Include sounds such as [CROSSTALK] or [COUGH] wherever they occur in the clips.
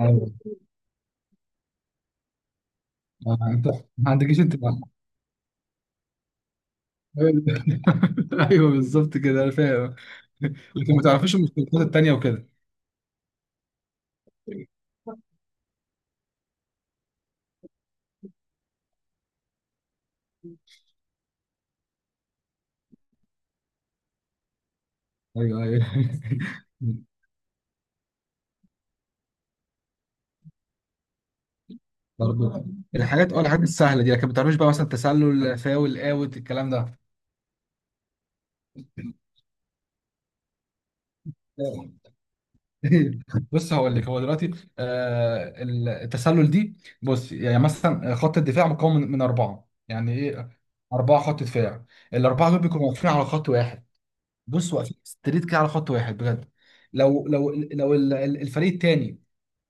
ايوه. انت ما عندكيش انت. ايوه. [LAUGHS] أيوة، بالظبط كده انا فاهم. لكن ما تعرفيش المشتقات التانية وكده. ايوه، ايوه. [LAUGHS] برضه. الحاجات السهله دي، لكن ما تعرفيش بقى مثلا تسلل، فاول، اوت، الكلام ده. [LAUGHS] بص، هقول لك. هو دلوقتي. آه التسلل دي. بص، يعني مثلا خط الدفاع مكون من اربعه. يعني ايه؟ اربعه خط دفاع. الاربعه دول بيكونوا واقفين على خط واحد. بص، واقفين ستريت كده على خط واحد بجد. لو الفريق التاني.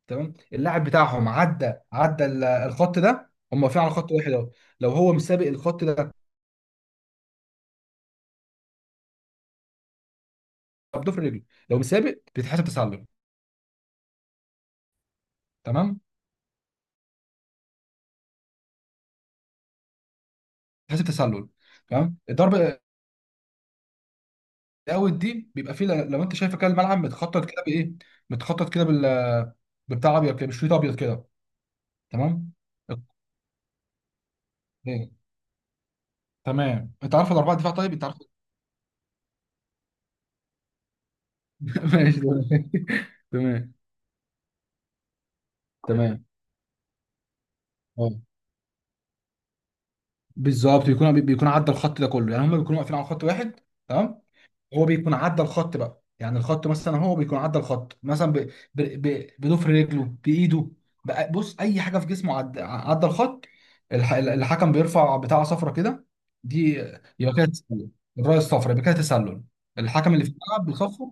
تمام. اللاعب بتاعهم عدى الخط ده، هم واقفين على خط واحد اهو. لو هو مسابق الخط ده. بضفر رجله. لو مسابق، بيتحسب تسلل. تمام، بيتحسب تسلل. تمام، الضربه. الاوت دي بيبقى فيه. لو انت شايف كده الملعب متخطط كده بايه. متخطط كده بال، ببتاع ابيض كده، بشريط ابيض كده. تمام. إيه، تمام. انت عارف الاربعه دفاع؟ طيب، انت عارف. [LAUGHS] ماشي، تمام. [LAUGHS] تمام. تمام، أه. بالظبط، بيكون عدى الخط ده كله، يعني هم بيكونوا واقفين على خط واحد. تمام. هو بيكون عدى الخط بقى. يعني الخط مثلا، هو بيكون عدى الخط مثلا ب... بضفر رجله، بايده. بقى بص، اي حاجه في جسمه عدى الخط. الحكم بيرفع بتاعه صفرة كده، دي. يبقى كده تسلل. الرايه الصفراء يبقى كده تسلل. الحكم اللي في الملعب بيصفر.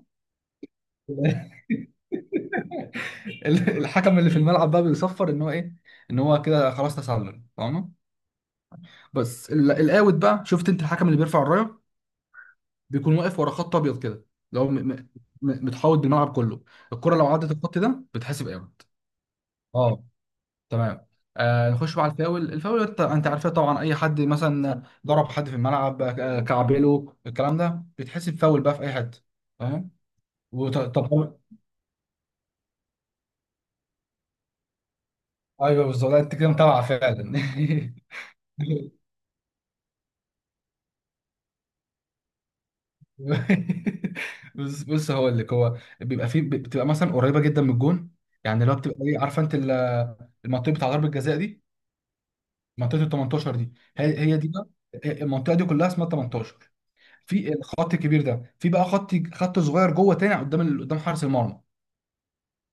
[LAUGHS] الحكم اللي في الملعب بقى بيصفر ان هو ايه، ان هو كده خلاص تسلل. فاهمه؟ بس الاوت بقى، شفت انت الحكم اللي بيرفع الرايه، بيكون واقف ورا خط ابيض كده. لو متحوط بالملعب كله. الكره لو عدت الخط ده بتحسب اوت. اه، تمام. نخش بقى على الفاول. الفاول انت عارفها طبعا. اي حد مثلا ضرب حد في الملعب، كعبله، الكلام ده بيتحسب فاول بقى في اي حته. فاهم؟ طب. ايوه بالظبط. لا، انت كده متابع فعلا. [LAUGHS] بص هقول لك. هو بيبقى فيه، بتبقى مثلا قريبه جدا من الجون. يعني اللي هو بتبقى ايه، عارفه انت المنطقه بتاع ضربه الجزاء دي؟ منطقه ال 18 دي، هي هي دي بقى. المنطقه دي كلها اسمها 18. في الخط الكبير ده، في بقى خط صغير جوه تاني قدام قدام حارس المرمى.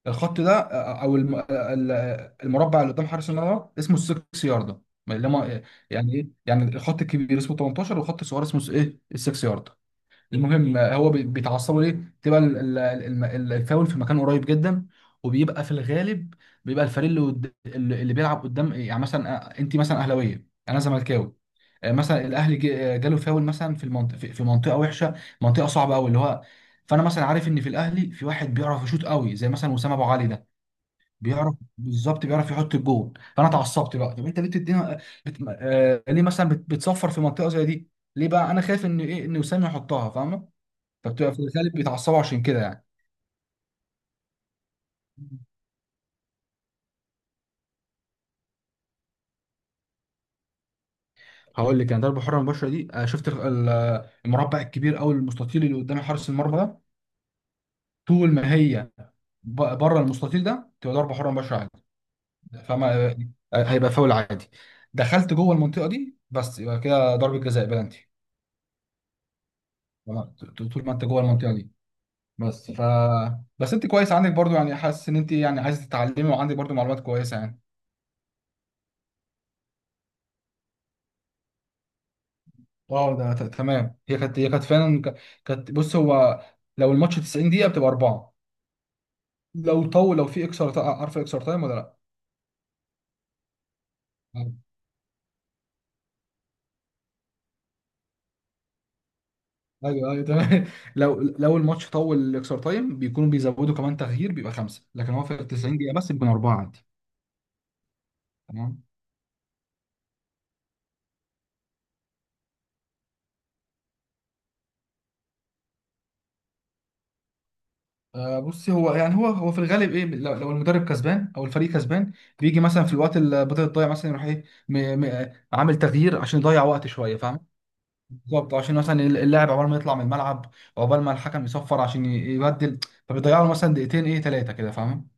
الخط ده، او المربع اللي قدام حارس المرمى اسمه السكس ياردة. ما اللي هم. يعني ايه؟ يعني الخط الكبير اسمه 18 والخط الصغير اسمه ايه؟ السكس ياردة. المهم، هو بيتعصبوا ليه؟ تبقى الفاول في مكان قريب جدا. وبيبقى في الغالب. بيبقى الفريق اللي قد- اللي اللي بيلعب قدام. يعني مثلا، انت مثلا اهلاويه انا زملكاوي. مثلا الاهلي جاله فاول مثلا في المنطقه، في منطقه وحشه. منطقه صعبه قوي، اللي هو. فانا مثلا عارف ان في الاهلي في واحد بيعرف يشوط قوي، زي مثلا وسام ابو علي ده. بيعرف بالظبط، بيعرف يحط الجول. فانا اتعصبت بقى، طب انت ليه بتدينا؟ ليه مثلا بتصفر في منطقه زي دي؟ ليه بقى؟ انا خايف ان ايه، ان وسام يحطها. فاهمه؟ فبتبقى في الغالب بيتعصبوا عشان كده يعني. هقول لك، يعني ضربه حره مباشره دي، شفت المربع الكبير او المستطيل اللي قدام حارس المرمى ده. طول ما هي بره المستطيل ده تبقى ضربه حره مباشره عادي. فما هيبقى فاول عادي. دخلت جوه المنطقه دي بس، يبقى كده ضربه جزاء بلانتي. تمام؟ طول ما انت جوه المنطقه دي. بس ف بس انت كويس، عندك برضو يعني، حاسس ان انت يعني عايز تتعلمي، وعندك برضو معلومات كويسه يعني. اه، ده تمام. هي كانت فعلا كانت. بص، هو لو الماتش 90 دقيقة بتبقى أربعة. لو في اكسترا تايم. عارف اكسترا تايم ولا لا؟ ايوه، ايوه، أيوة، تمام. [LAUGHS] لو الماتش طول الاكسترا تايم بيكونوا بيزودوا كمان تغيير، بيبقى خمسة. لكن هو في ال 90 دقيقة بس بيكون أربعة عادي. تمام. بص هو، يعني هو في الغالب ايه، لو المدرب كسبان او الفريق كسبان، بيجي مثلا في الوقت اللي بدأت تضيع، مثلا يروح ايه، عامل تغيير عشان يضيع وقت شويه. فاهم؟ بالظبط، عشان مثلا اللاعب عقبال ما يطلع من الملعب، عقبال ما الحكم يصفر عشان يبدل، فبيضيعوا له مثلا دقيقتين، ايه، ثلاثه كده. فاهم؟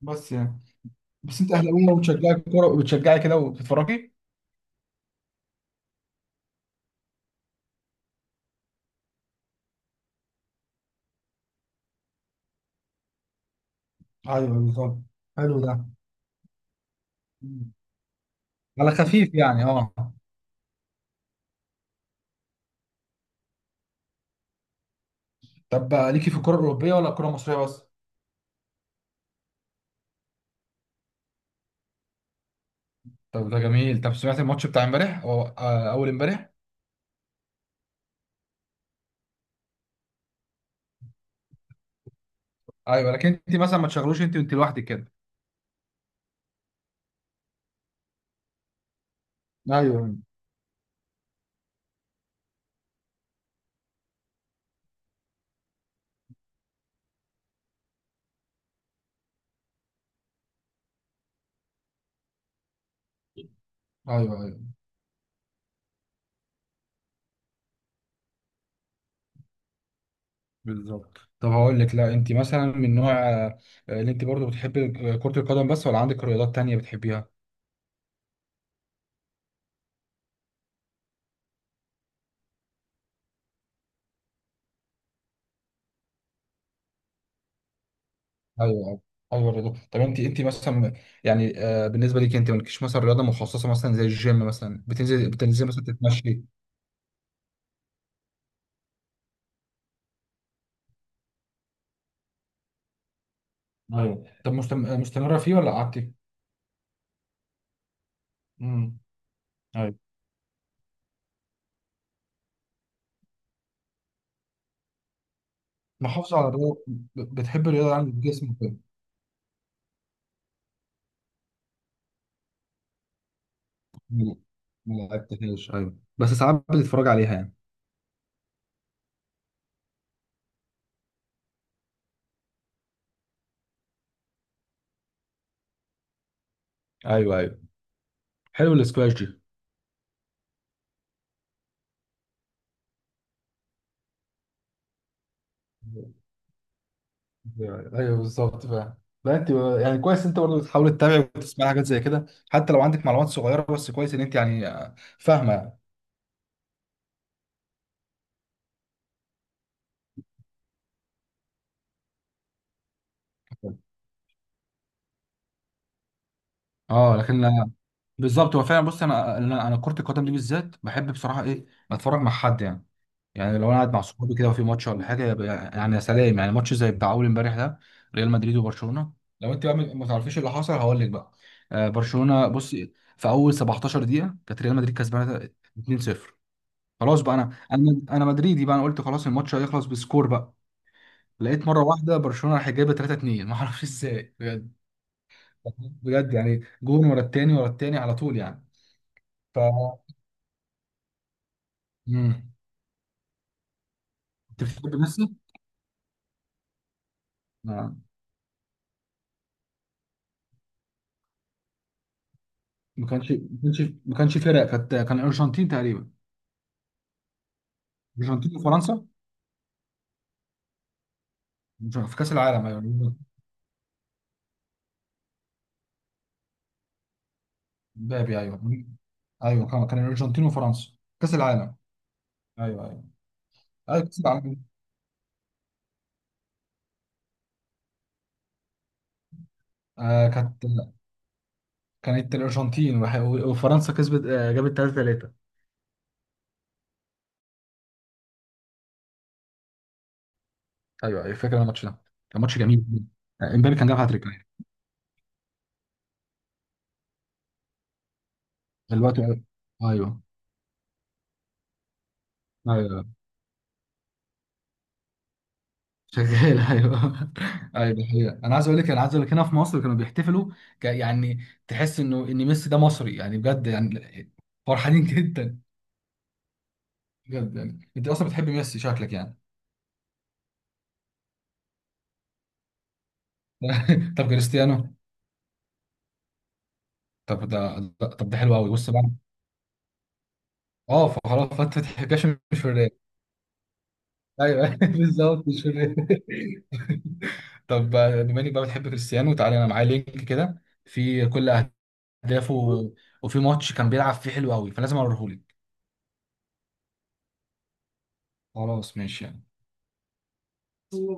بس يعني. بس انت اهلاويه وبتشجعي كوره وبتشجعي كده وبتتفرجي. ايوه بالظبط. حلو ده. مم. على خفيف يعني، اه. طب ليكي في الكره الاوروبيه ولا الكره المصريه بس؟ طب، ده جميل. طب، سمعت الماتش بتاع امبارح او اول امبارح؟ ايوه، لكن انت مثلا ما تشغلوش، انت وانت لوحدك كده؟ ايوه، ايوه، ايوه بالظبط. طب هقول لك، لا انت مثلا من نوع اللي انت برضو بتحبي كرة القدم بس ولا عندك رياضات تانية بتحبيها؟ ايوه، ايوه، ايوه الرياضة. طب انت مثلا، يعني بالنسبة ليك، انت مالكيش مثلا رياضة مخصصة؟ مثلا زي الجيم مثلا، بتنزل مثلا تتمشي. ايوه. طب مستمرة فيه ولا قعدتي؟ امم. ايوه، محافظة على الرياضة. بتحب الرياضة، عندك الجسم وكده. لا، ما لعبتهاش. ايوه، بس ساعات بتتفرج عليها يعني. ايوه، ايوه، حلو الاسكواش. دي، ايوه، أيوة بالظبط فاهم. لا، انت يعني كويس، انت برضه بتحاول تتابع وتسمع حاجات زي كده، حتى لو عندك معلومات صغيره، بس كويس ان انت يعني فاهمه يعني. اه، لكن بالظبط. هو فعلا بص، انا كره القدم دي بالذات بحب بصراحه ايه، اتفرج مع حد يعني. يعني لو انا قاعد مع صحابي كده وفي ماتش ولا حاجه، يبقى يعني يا سلام. يعني ماتش زي بتاع اول امبارح ده، ريال مدريد وبرشلونه. لو انت بقى ما تعرفيش اللي حصل، هقول لك بقى. برشلونه، بص. في اول 17 دقيقه كانت ريال مدريد كسبانه 2-0. خلاص بقى، انا مدريدي بقى، انا قلت خلاص الماتش هيخلص بسكور بقى. لقيت مره واحده برشلونه راح جايبه 3-2، ما اعرفش [LAUGHS] ازاي بجد. بجد يعني، جون ورا التاني ورا التاني على طول يعني. ف. امم. انت بتحب ميسي؟ ما ما كانش فرق، كان الارجنتين تقريبا. الارجنتين وفرنسا. في كاس العالم. ايوه. مبابي. ايوه. ايوه، كان الارجنتين وفرنسا. كاس العالم. ايوه، ايوه. ايوه، كاس العالم. كانت. كانت الارجنتين وفرنسا، كسبت جابت 3-3. ايوه، ايوه، فاكر أنا الماتش ده. كان ماتش جميل. امبابي كان جاب هاتريك يعني. دلوقتي، ايوه. ايوه، ايوه شغال، ايوه. [LAUGHS] ايوه دي حقيقة. انا عايز اقول لك هنا في مصر كانوا بيحتفلوا. يعني تحس انه ان ميسي ده مصري يعني، بجد يعني. فرحانين [LAUGHS] جدا. بجد يعني، انت اصلا بتحب ميسي شكلك يعني. [LAUGHS] طب كريستيانو؟ طب ده ده- طب ده حلو قوي، بص بقى. اه، فخلاص فتحي كاش مش في الريال. ايوه [LAUGHS] بالظبط، مش في الريال. [LAUGHS] طب، بما انك بقى بتحب كريستيانو، تعالى. انا معايا لينك كده في كل اهدافه وفي ماتش كان بيلعب فيه حلو قوي، فلازم اوريهولك. خلاص ماشي يعني.